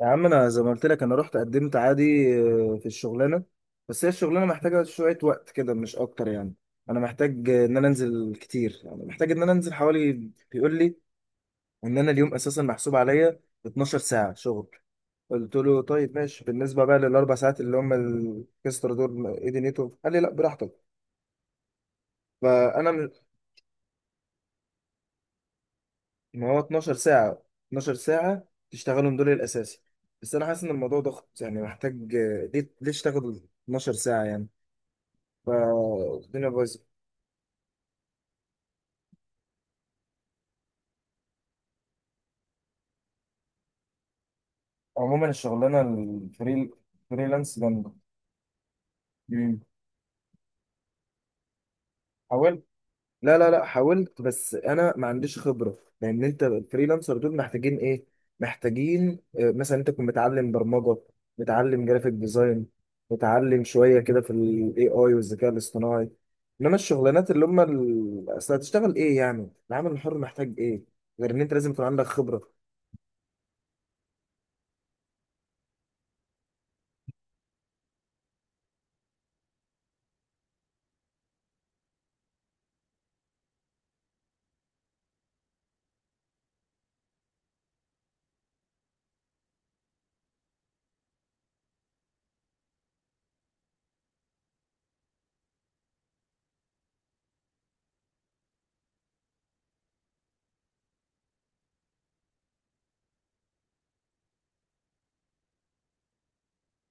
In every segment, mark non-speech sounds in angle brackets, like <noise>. يا عم انا زي ما قلت لك انا رحت قدمت عادي. في الشغلانه. بس هي الشغلانه محتاجه شويه وقت كده، مش اكتر يعني. انا محتاج ان انا انزل كتير، يعني محتاج ان انا انزل حوالي. بيقول لي ان انا اليوم اساسا محسوب عليا 12 ساعه شغل. قلت له طيب ماشي، بالنسبه بقى لل4 ساعات اللي هم الاكسترا دول، ايه دنيتهم؟ قال لي لا براحتك. فانا م- ما هو 12 ساعه، 12 ساعه تشتغلهم دول الاساسي. بس انا حاسس ان الموضوع ضغط، يعني محتاج، ليه اشتغل 12 ساعه يعني؟ فالدنيا بايظه. عموما الشغلانه فريلانس جامده. مم. حاولت. لا لا لا، حاولت بس انا ما عنديش خبره، لان انت الفريلانسر دول محتاجين ايه؟ محتاجين، مثلا انت تكون متعلم برمجه، متعلم جرافيك ديزاين، متعلم شويه كده في الاي اي والذكاء الاصطناعي. انما الشغلانات اللي هم اصل هتشتغل ايه يعني؟ العمل الحر محتاج ايه، غير ان انت لازم يكون عندك خبره.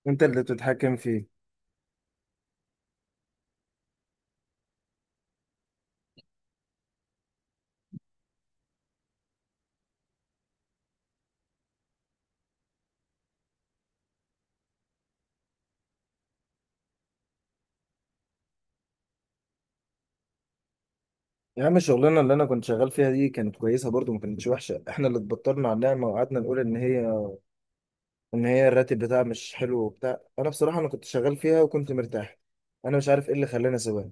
انت اللي تتحكم فيه. يا عم الشغلانة اللي أنا كنت شغال فيها دي كانت كويسة برضو، ما كانتش وحشة. إحنا اللي اتبطرنا على النعمة وقعدنا نقول إن هي الراتب بتاعها مش حلو وبتاع. أنا بصراحة أنا كنت شغال فيها وكنت مرتاح. أنا مش عارف إيه اللي خلاني أسيبها.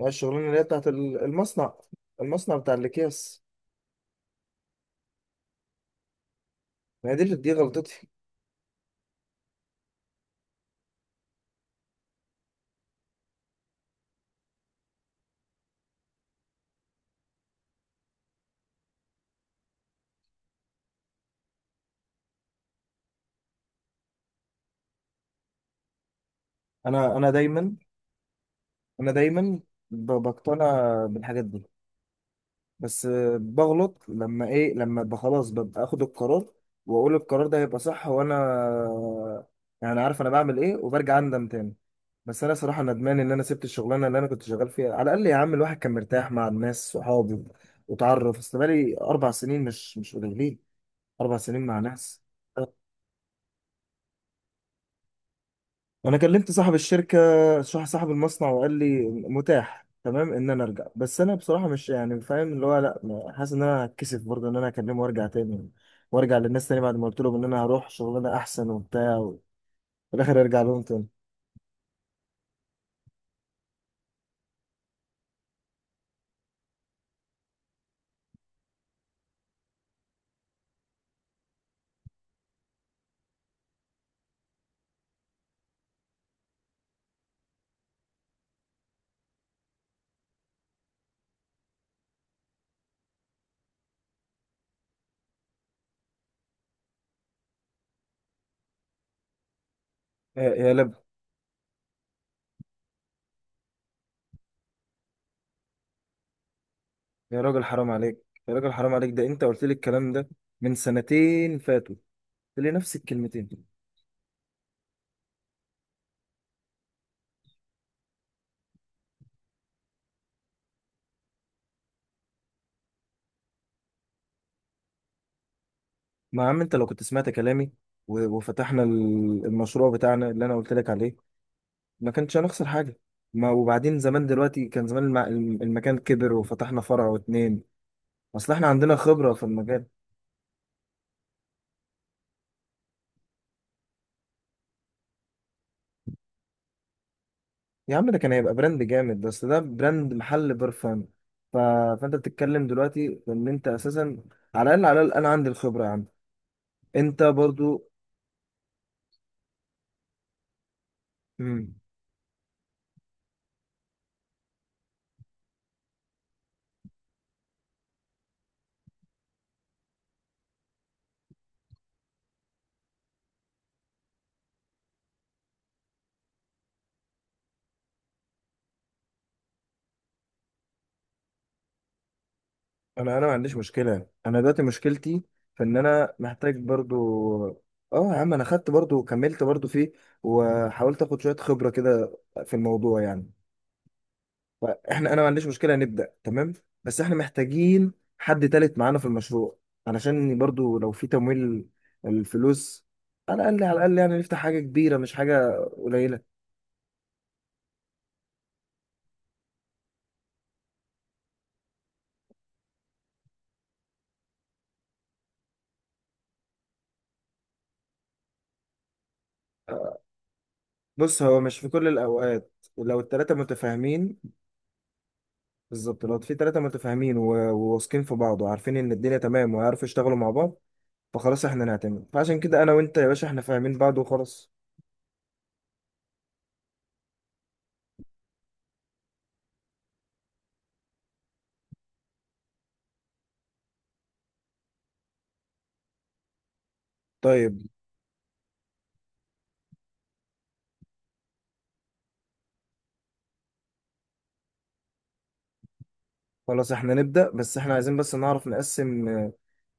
هي الشغلانة اللي هي بتاعت المصنع، المصنع بتاع الأكياس. ما هي دي غلطتي. أنا أنا دايما أنا دايما بقتنع بالحاجات دي. بس بغلط لما ابقى خلاص ببقى اخد القرار، واقول القرار ده هيبقى صح، وانا يعني عارف انا بعمل ايه، وبرجع اندم تاني. بس انا صراحه ندمان ان انا سبت الشغلانه اللي انا كنت شغال فيها، على الاقل يا عم الواحد كان مرتاح مع الناس صحابي. وتعرف اصل بقالي 4 سنين، مش قليلين. 4 سنين مع ناس. انا كلمت صاحب الشركه، صاحب المصنع، وقال لي متاح تمام ان انا ارجع. بس انا بصراحه مش يعني فاهم اللي هو لا، حاسس ان انا هتكسف برضه ان انا اكلمه وارجع تاني، وارجع للناس تاني بعد ما قلت لهم ان انا هروح شغلانه احسن وبتاع، وفي الاخر ارجع لهم تاني. يا لب. يا راجل حرام عليك، يا راجل حرام عليك، ده انت قلت لي الكلام ده من سنتين فاتوا. قلت لي نفس الكلمتين. ما يا عم انت لو كنت سمعت كلامي وفتحنا المشروع بتاعنا اللي انا قلت لك عليه، ما كانش هنخسر حاجة. ما وبعدين زمان دلوقتي كان زمان المكان كبر وفتحنا فرع واتنين، اصل احنا عندنا خبرة في المجال. يا عم ده كان هيبقى براند جامد، بس ده براند محل برفان. ف... فانت بتتكلم دلوقتي في ان انت اساسا، على الاقل على الاقل انا عندي الخبرة يا عم، انت برضو. مم. انا ما عنديش مشكلة. انا دلوقتي مشكلتي في ان انا محتاج برضو. اه يا عم انا خدت برضو، وكملت برضو فيه، وحاولت اخد شوية خبرة كده في الموضوع يعني. انا ما عنديش مشكله، نبدا تمام. بس احنا محتاجين حد تالت معانا في المشروع، علشان برضو لو في تمويل الفلوس، على الاقل على الاقل يعني نفتح حاجه كبيره مش حاجه قليله. بص هو مش في كل الاوقات، لو التلاته متفاهمين. بالظبط، لو في تلاته متفاهمين وواثقين في بعض، وعارفين ان الدنيا تمام، ويعرفوا يشتغلوا مع بعض، فخلاص احنا نعتمد. فعشان كده انا وانت يا باشا احنا فاهمين بعض وخلاص. طيب، خلاص احنا نبدا، بس احنا عايزين بس نعرف نقسم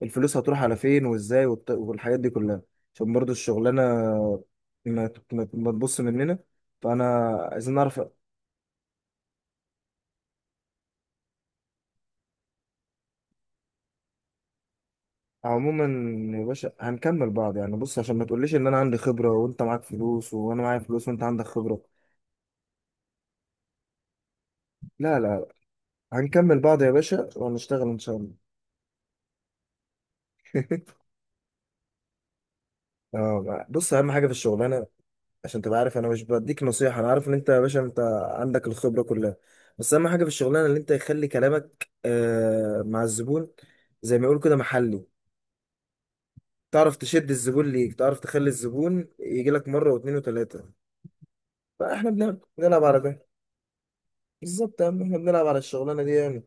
الفلوس هتروح على فين وازاي، والحاجات دي كلها، عشان برضو الشغلانه ما تبص مننا، فانا عايزين نعرف. عموما يا باشا هنكمل بعض يعني، بص عشان ما تقوليش ان انا عندي خبره وانت معاك فلوس وانا معايا فلوس وانت عندك خبره. لا لا لا. هنكمل بعض يا باشا وهنشتغل ان شاء الله. <laughs> اه، بص اهم حاجه في الشغلانه عشان تبقى عارف، انا مش بديك نصيحة، انا عارف ان انت يا باشا انت عندك الخبرة كلها. بس اهم حاجة في الشغلانة ان انت يخلي كلامك مع الزبون زي ما يقولوا كده محلي. تعرف تشد الزبون ليك، تعرف تخلي الزبون يجي لك مرة واثنين وثلاثة. فاحنا بنلعب على ده. بالظبط يا عم احنا بنلعب على الشغلانة دي يعني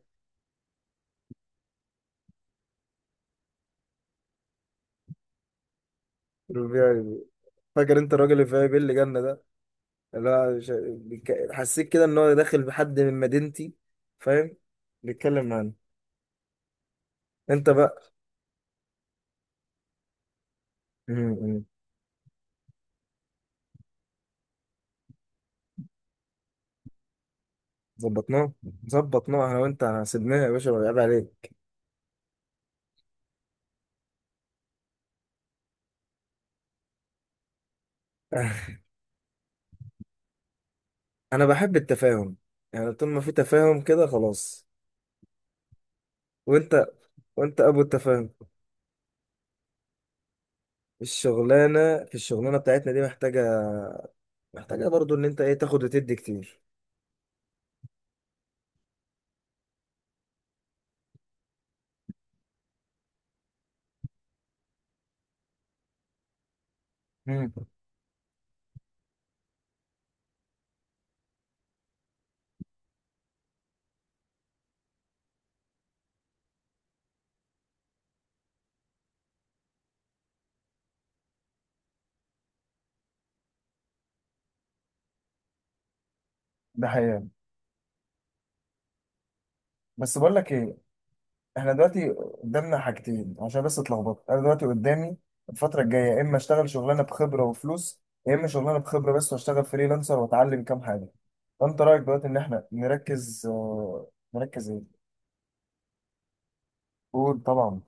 يعني فاكر انت الراجل اللي في اي بي اللي جالنا ده، اللي هو حسيت كده ان هو داخل بحد من مدينتي، فاهم، بيتكلم معانا. انت بقى. <laughs> ظبطناه، ظبطناه انا وانت، سيبناه يا باشا، ولا عيب عليك. <laughs> انا بحب التفاهم يعني، طول ما في تفاهم كده خلاص. وانت وانت ابو التفاهم. في الشغلانه بتاعتنا دي محتاجه برضو ان انت ايه تاخد وتدي كتير. مم. ده حقيقة. بس بقول لك ايه، احنا دلوقتي قدامنا حاجتين، عشان بس اتلخبطت انا دلوقتي قدامي الفترة الجاية، يا اما اشتغل شغلانة بخبرة وفلوس، يا اما شغلانة بخبرة بس واشتغل فريلانسر واتعلم كام حاجة. فانت رأيك دلوقتي ان احنا نركز، نركز ايه؟ قول طبعا.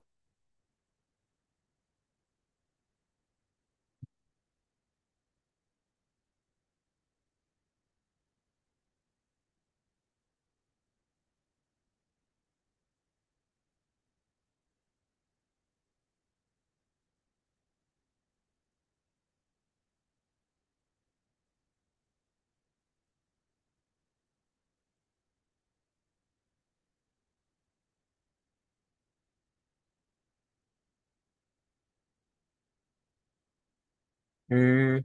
امم.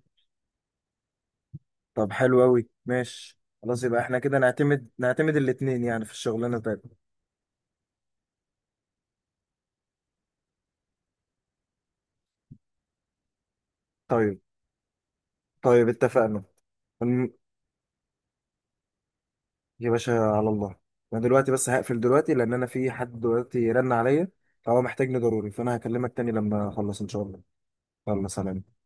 طب حلو قوي، ماشي، خلاص يبقى احنا كده نعتمد الاتنين يعني في الشغلانه بتاعتنا. طيب. طيب اتفقنا. يا باشا على الله. انا دلوقتي بس هقفل دلوقتي لان انا في حد دلوقتي رن عليا، فهو محتاجني ضروري، فانا هكلمك تاني لما اخلص ان شاء الله. يلا سلام.